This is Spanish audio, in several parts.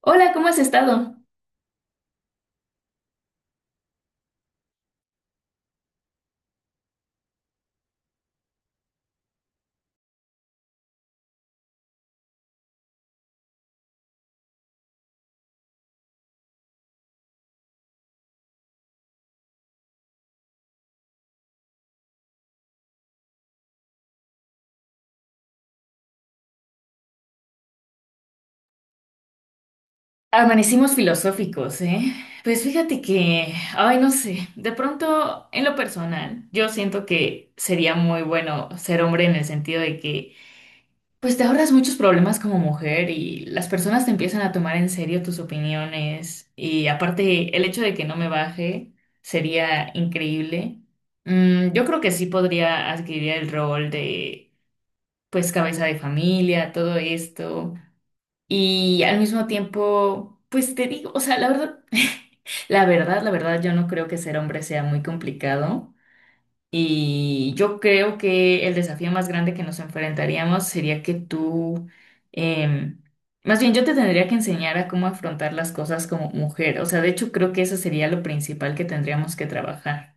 Hola, ¿cómo has estado? Amanecimos filosóficos, ¿eh? Pues fíjate que, ay, no sé, de pronto en lo personal, yo siento que sería muy bueno ser hombre en el sentido de que, pues te ahorras muchos problemas como mujer y las personas te empiezan a tomar en serio tus opiniones y aparte el hecho de que no me baje sería increíble. Mm, yo creo que sí podría adquirir el rol de, pues, cabeza de familia, todo esto. Y al mismo tiempo, pues te digo, o sea, la verdad, la verdad, yo no creo que ser hombre sea muy complicado. Y yo creo que el desafío más grande que nos enfrentaríamos sería que tú, em, más bien yo te tendría que enseñar a cómo afrontar las cosas como mujer. O sea, de hecho creo que eso sería lo principal que tendríamos que trabajar.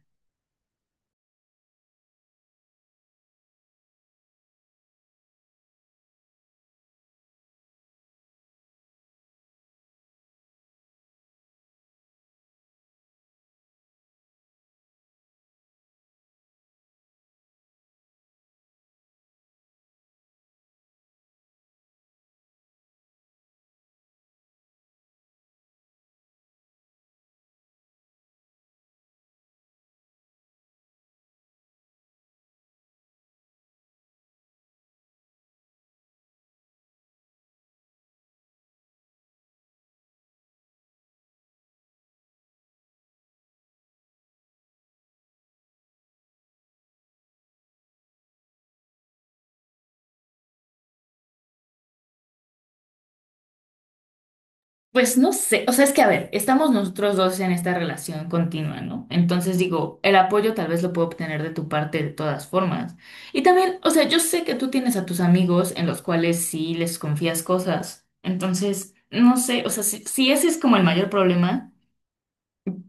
Pues no sé, o sea, es que a ver, estamos nosotros dos en esta relación continua, ¿no? Entonces digo, el apoyo tal vez lo puedo obtener de tu parte de todas formas. Y también, o sea, yo sé que tú tienes a tus amigos en los cuales sí les confías cosas. Entonces, no sé, o sea, si ese es como el mayor problema,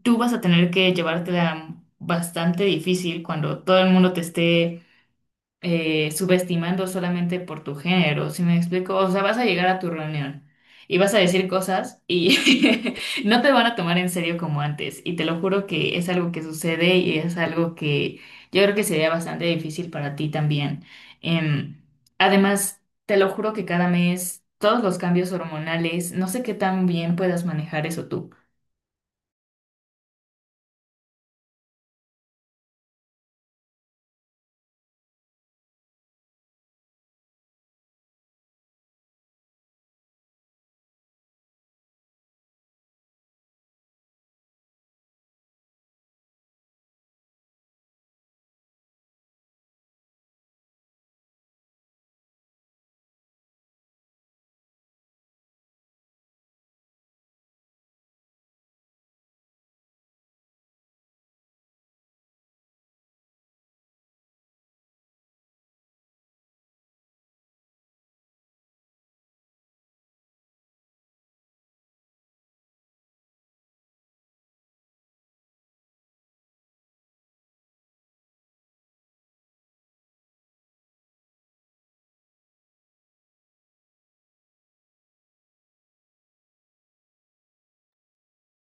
tú vas a tener que llevártela bastante difícil cuando todo el mundo te esté subestimando solamente por tu género, ¿si me explico? O sea, vas a llegar a tu reunión y vas a decir cosas y no te van a tomar en serio como antes. Y te lo juro que es algo que sucede y es algo que yo creo que sería bastante difícil para ti también. Em, además, te lo juro que cada mes, todos los cambios hormonales, no sé qué tan bien puedas manejar eso tú.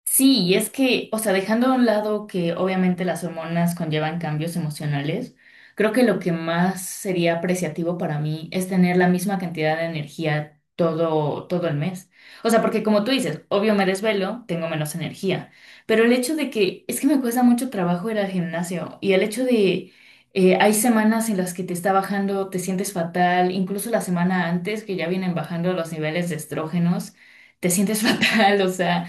Sí, y es que, o sea, dejando a un lado que obviamente las hormonas conllevan cambios emocionales, creo que lo que más sería apreciativo para mí es tener la misma cantidad de energía todo el mes. O sea, porque como tú dices, obvio me desvelo, tengo menos energía, pero el hecho de que es que me cuesta mucho trabajo ir al gimnasio y el hecho de hay semanas en las que te está bajando, te sientes fatal, incluso la semana antes que ya vienen bajando los niveles de estrógenos, te sientes fatal, o sea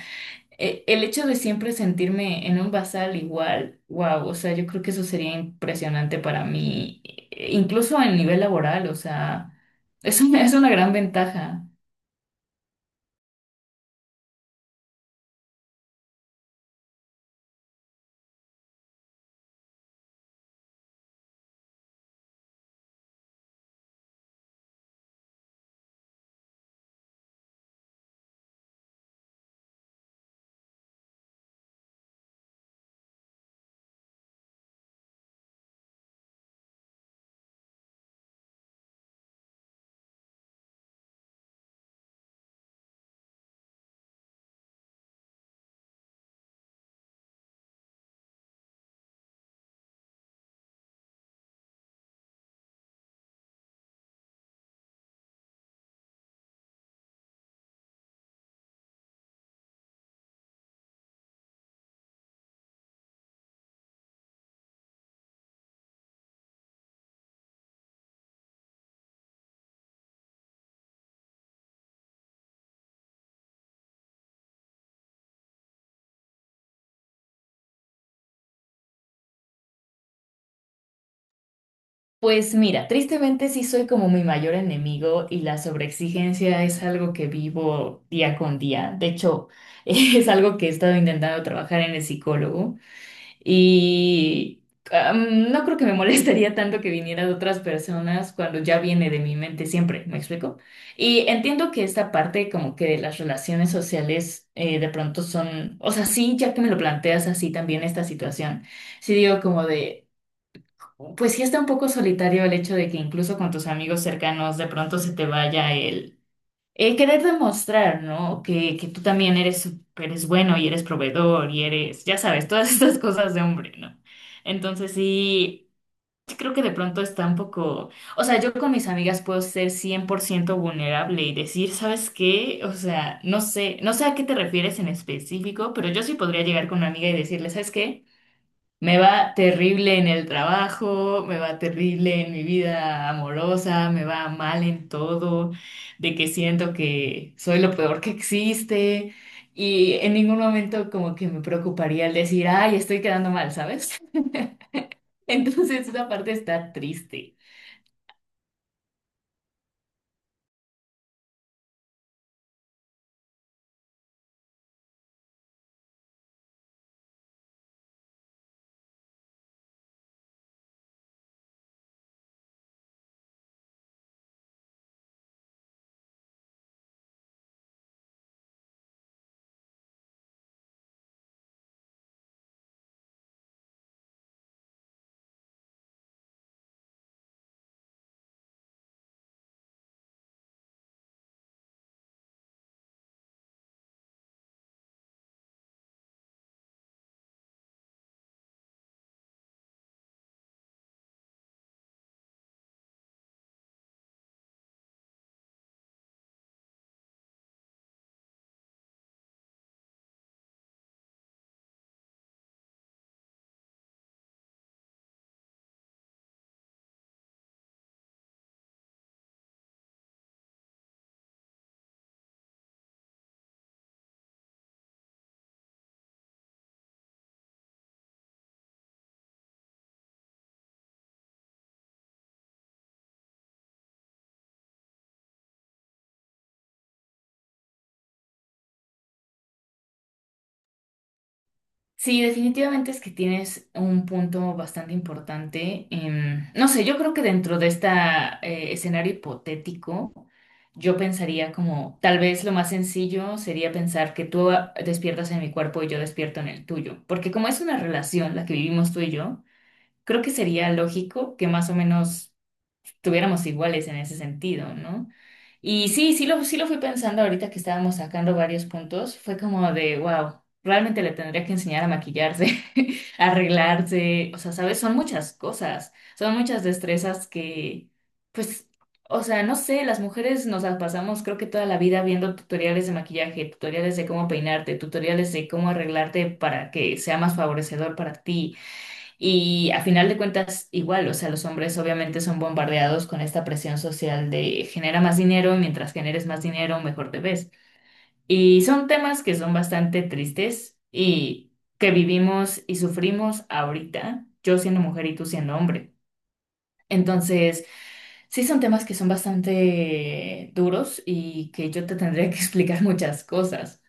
el hecho de siempre sentirme en un basal igual, wow, o sea, yo creo que eso sería impresionante para mí, incluso en nivel laboral, o sea, es una gran ventaja. Pues mira, tristemente sí soy como mi mayor enemigo y la sobreexigencia es algo que vivo día con día. De hecho, es algo que he estado intentando trabajar en el psicólogo. Y no creo que me molestaría tanto que viniera de otras personas cuando ya viene de mi mente siempre, ¿me explico? Y entiendo que esta parte como que de las relaciones sociales de pronto son, o sea, sí, ya que me lo planteas así también esta situación, sí digo como de, pues sí está un poco solitario el hecho de que incluso con tus amigos cercanos de pronto se te vaya el querer demostrar, ¿no? Que tú también eres, eres bueno y eres proveedor y eres, ya sabes, todas estas cosas de hombre, ¿no? Entonces sí, sí creo que de pronto está un poco, o sea, yo con mis amigas puedo ser 100% vulnerable y decir, ¿sabes qué? O sea, no sé, no sé a qué te refieres en específico, pero yo sí podría llegar con una amiga y decirle, ¿sabes qué? Me va terrible en el trabajo, me va terrible en mi vida amorosa, me va mal en todo, de que siento que soy lo peor que existe y en ningún momento como que me preocuparía el decir, ay, estoy quedando mal, ¿sabes? Entonces esa parte está triste. Sí, definitivamente es que tienes un punto bastante importante. No sé, yo creo que dentro de este escenario hipotético, yo pensaría como, tal vez lo más sencillo sería pensar que tú despiertas en mi cuerpo y yo despierto en el tuyo, porque como es una relación la que vivimos tú y yo, creo que sería lógico que más o menos estuviéramos iguales en ese sentido, ¿no? Y sí, sí lo fui pensando ahorita que estábamos sacando varios puntos, fue como de, wow, realmente le tendría que enseñar a maquillarse, a arreglarse, o sea, ¿sabes? Son muchas cosas, son muchas destrezas que, pues, o sea, no sé, las mujeres nos la pasamos creo que toda la vida viendo tutoriales de maquillaje, tutoriales de cómo peinarte, tutoriales de cómo arreglarte para que sea más favorecedor para ti. Y a final de cuentas, igual, o sea, los hombres obviamente son bombardeados con esta presión social de genera más dinero, y mientras generes más dinero, mejor te ves. Y son temas que son bastante tristes y que vivimos y sufrimos ahorita, yo siendo mujer y tú siendo hombre. Entonces, sí son temas que son bastante duros y que yo te tendría que explicar muchas cosas.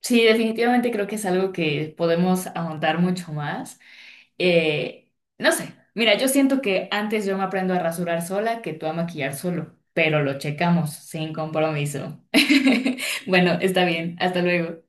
Sí, definitivamente creo que es algo que podemos ahondar mucho más. Eh, no sé, mira, yo siento que antes yo me aprendo a rasurar sola que tú a maquillar solo, pero lo checamos sin compromiso. Bueno, está bien, hasta luego.